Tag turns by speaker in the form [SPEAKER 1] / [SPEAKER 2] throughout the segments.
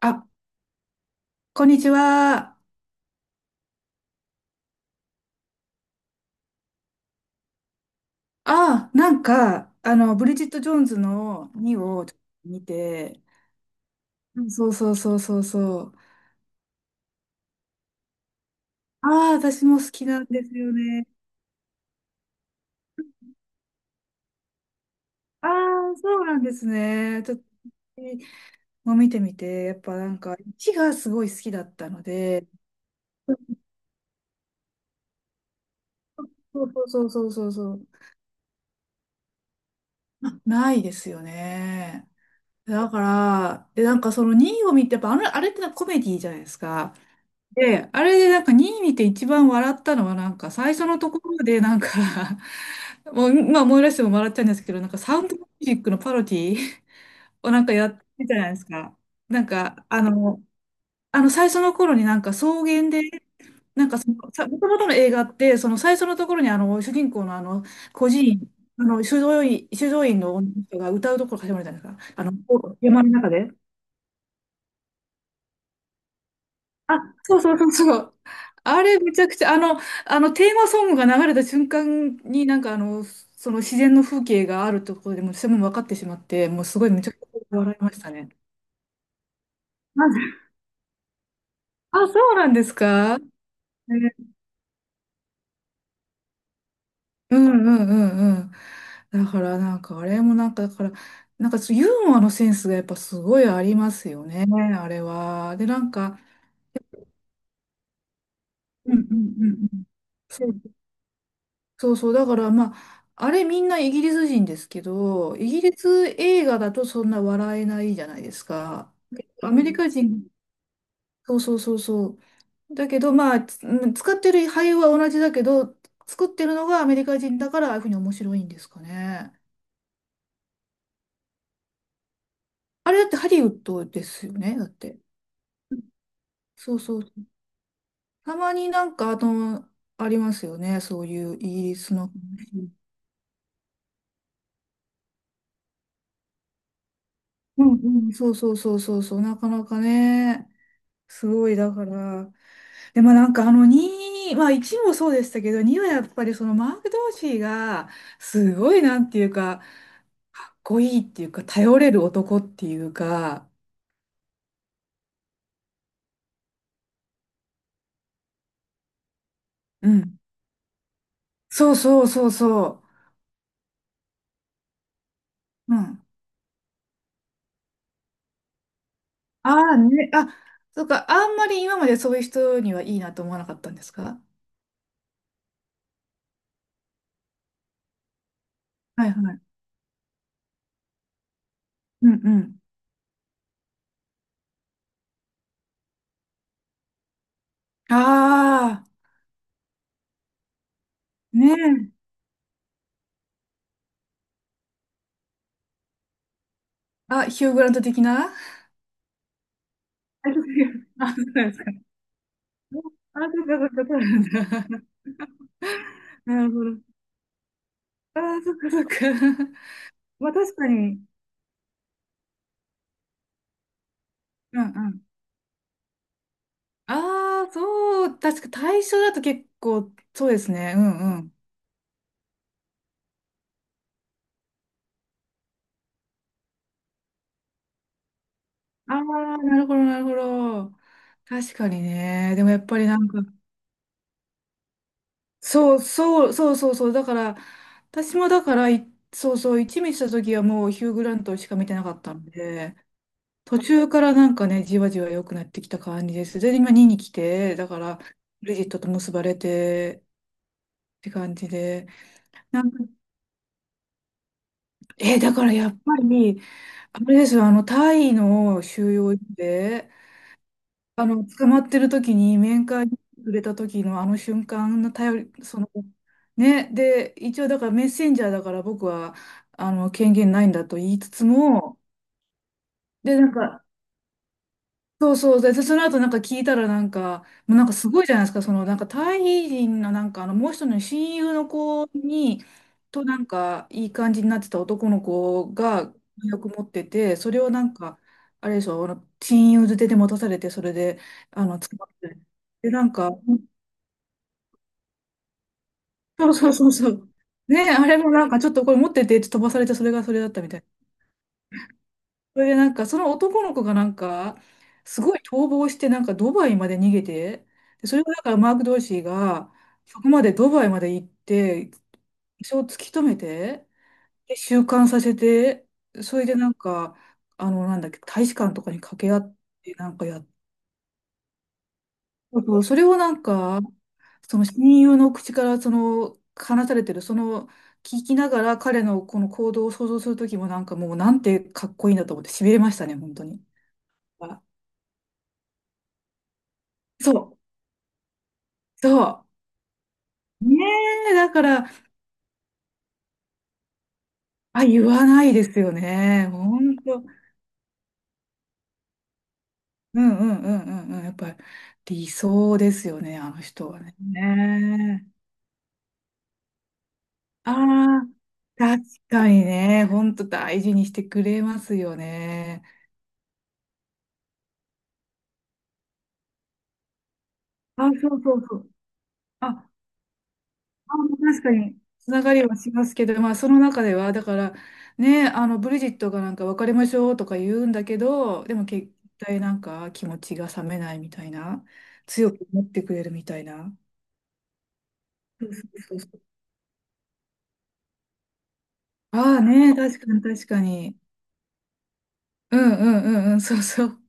[SPEAKER 1] あ、こんにちは。ブリジット・ジョーンズの2をちょっと見て、うんそうそうそうそうそう。ああ、私も好きなんですよね。ああ、そうなんですね。ちょっと、もう見てみて、やっぱなんか、1がすごい好きだったので、そうそうそうそうそう、あないですよね。だから、で、なんかその2を見て、やっぱ、あれってなコメディじゃないですか。で、あれでなんか2位見て一番笑ったのはなんか最初のところでなんか もう、まあ思い出しても笑っちゃうんですけど、なんかサウンドミュージックのパロディをなんかやってたじゃないですか。なんかあの、あの最初の頃になんか草原で、もともとの映画って、その最初のところにあの主人公のあの孤児院、あの修道院、修道院の女の人が歌うところ始まるじゃないですか。あの、山の中で。あ、そうそうそうそう。あれめちゃくちゃ、あのテーマソングが流れた瞬間にその自然の風景があるところでもうそれも分かってしまって、もうすごいめちゃくちゃ笑いましたね。なんであ、そうなんですかねうんうんうんうん。だからなんかあれもなんか、だから、なんかそうユーモアのセンスがやっぱすごいありますよね、あれは。で、なんか、うんうんうんうん。そうそう、だからまあ、あれみんなイギリス人ですけど、イギリス映画だとそんな笑えないじゃないですか。アメリカ人、そうそうそうそう。だけどまあ、つうん使ってる俳優は同じだけど、作ってるのがアメリカ人だからああいうふうに面白いんですかね。あれだってハリウッドですよね、だって。そうそう。たまになんか、あの、ありますよね、そういうイギリスの話。うんうん、そうそうそうそうそう、なかなかね、すごいだから。でもなんかあの2、まあ1もそうでしたけど、2はやっぱりそのマーク・ドーシーが、すごいなんていうか、かっこいいっていうか、頼れる男っていうか、うん。そうそうそうそう。うん。ああね、あ、そうか、あんまり今までそういう人にはいいなと思わなかったんですかはいはい。うんうん。ああ、ねえ。あ、ヒュー・グラント的なあ、そうですか。あ、そっかそっか、そうなんだ。なるほど。あ、そっかそっか。まあ確かに。うんうん。ああ、そう、確か対象だと結構、そうですね。うんうん。ああ、なるほど、なるほど。確かにね。でもやっぱりなんか、そうそう、そうそうそう。だから、私もだから、そうそう、一味した時はもうヒュー・グラントしか見てなかったんで、途中からなんかね、じわじわ良くなってきた感じです。で、今2に来て、だから、ブリジットと結ばれてって感じで。なんかえーだからやっぱり、あれですよ、あの、タイの収容所で、あの、捕まってる時に面会に来れた時のあの瞬間の頼り、その、ね、で、一応だからメッセンジャーだから僕は、あの、権限ないんだと言いつつも、で、なんか、そうそう。で、その後なんか聞いたらなんか、もうなんかすごいじゃないですか。そのなんかタイ人のなんかあのもう一人の親友の子に、となんかいい感じになってた男の子がよく持ってて、それをなんか、あれでしょ、あの親友づてで持たされて、それで、あの、捕まって。で、なんか、そうそうそうそう。ね、あれもなんかちょっとこれ持っててって飛ばされて、それがそれだったみたいな。それでなんか、その男の子がなんか、すごい逃亡して、なんかドバイまで逃げて、でそれをだからマーク・ドーシーが、そこまでドバイまで行って、一応突き止めて、で、収監させて、それでなんか、あの、なんだっけ、大使館とかに掛け合って、なんかやっそうそれをなんか、その親友の口から、その、話されてる、その、聞きながら彼のこの行動を想像するときもなんかもうなんてかっこいいんだと思って、痺れましたね、本当に。そう、そう。ねだから、あ、言わないですよね。ほんと。うんうんうんうんうん。やっぱり理想ですよね、あの人はね。ねああ、確かにね。ほんと大事にしてくれますよね。あ、そうそうそう。あ確かに、つながりはしますけど、まあ、その中では、だから、ね、あの、ブリジットがなんか別れましょうとか言うんだけど、でも結対なんか気持ちが冷めないみたいな、強く思ってくれるみたいな。そうそうそうそう。ああね、確かに確かに。うんうんうんうん、そうそう。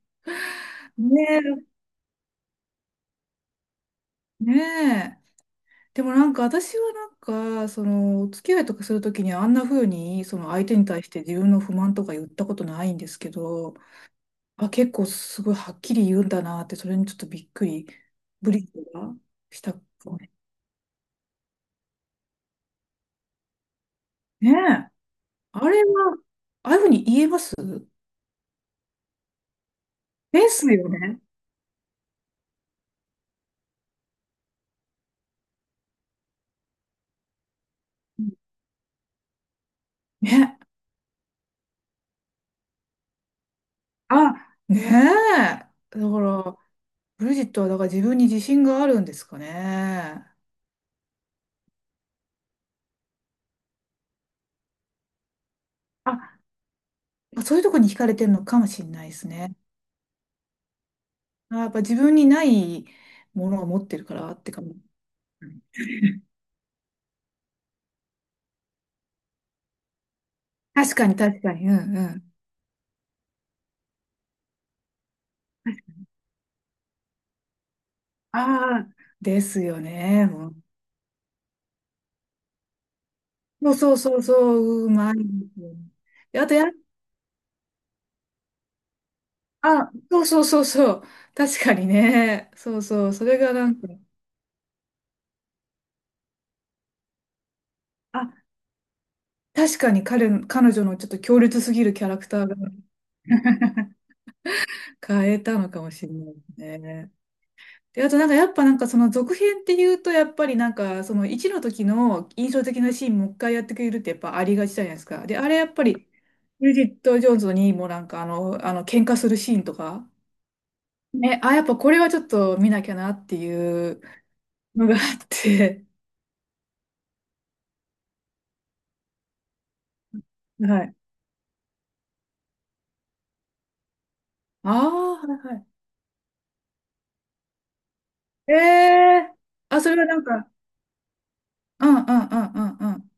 [SPEAKER 1] ねえ、ねえ。でもなんか私はなんか、その、お付き合いとかするときにあんな風に、その相手に対して自分の不満とか言ったことないんですけど、あ、結構すごいはっきり言うんだなって、それにちょっとびっくり、ブリッジがしたかもね。ねえ、あれは、ああいうふうに言えますですよね。うんね、あ、ねえ。だから、ブリジットはだから自分に自信があるんですかね。あ、そういうとこに惹かれてるのかもしれないですね。あ、やっぱ自分にないものを持ってるからってかも。確かに確かに、うんうん。ああ、ですよね。そうそうそうそう、うまいですよ。であとや、あ、そうそうそうそう、確かにね、そうそう、それがなんか、あ、確かに彼女のちょっと強烈すぎるキャラクターが 変えたのかもしれないですね。で、あとなんかやっぱなんかその続編っていうと、やっぱりなんかその1の時の印象的なシーンもう一回やってくれるってやっぱありがちじゃないですか。で、あれやっぱり、ブリジット・ジョーンズにもなんかあの、あの喧嘩するシーンとか、ね、あ、やっぱこれはちょっと見なきゃなっていうのがあって、はい。ああ、はいはい。ええあ、それはなんか、うんうんうんうんうん。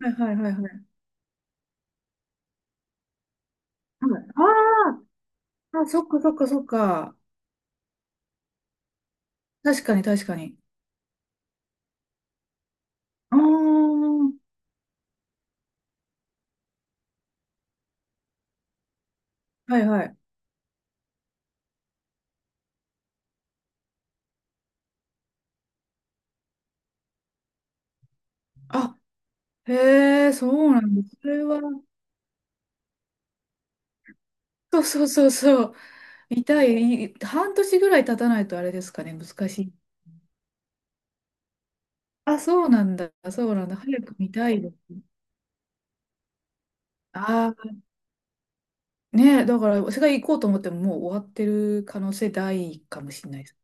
[SPEAKER 1] はいはいはいはい。はいああーあ、そっかそっかそっか。確かに確かに。ああ、はいはい。あ、へえ、そうなんです。それは、そうそうそうそう。痛い、い半年ぐらい経たないとあれですかね、難しい。あ、そうなんだ、そうなんだ。早く見たいです。あねえ、だから世界行こうと思ってももう終わってる可能性大かもしれないです。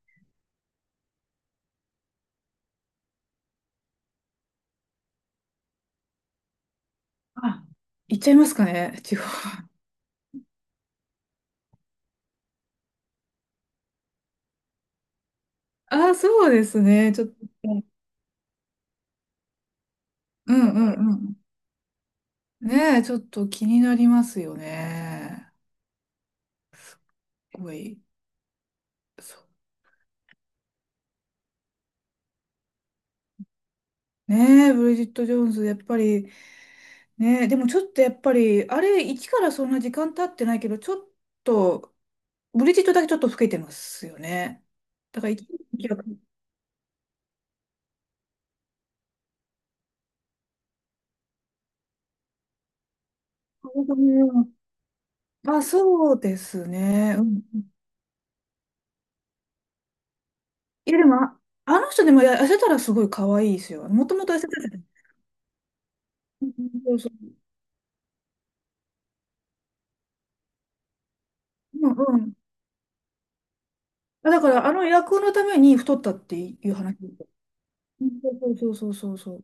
[SPEAKER 1] あ、行っちゃいますかね、地方は。ああ、そうですね。ちょっと、うんうんうん。ねえ、ちょっと気になりますよね。すごい。そうねえ、ブリジット・ジョーンズ、やっぱり、ねえ、でもちょっとやっぱり、あれ、1からそんな時間経ってないけど、ちょっと、ブリジットだけちょっと老けてますよね。だから一時期は、あ、そうですね。うんいや、でも、ああの人でもや痩せたらすごい可愛いですよ。もともと痩せてたじゃん。うんうんそうそう。うんうん。あ、だから、あの役のために太ったっていう話。うんそうそうそうそうそう。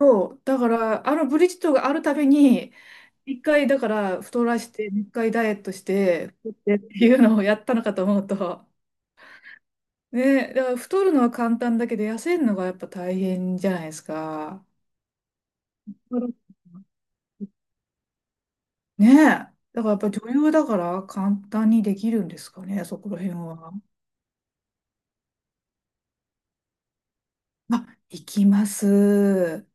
[SPEAKER 1] そうだから、あのブリヂットがあるたびに、一回、だから、太らして、一回ダイエットして、太ってっていうのをやったのかと思うと、ね、だから太るのは簡単だけど、痩せるのがやっぱ大変じゃないですか。うんねえ。だからやっぱり女優だから簡単にできるんですかね、そこら辺は。あ、行きます。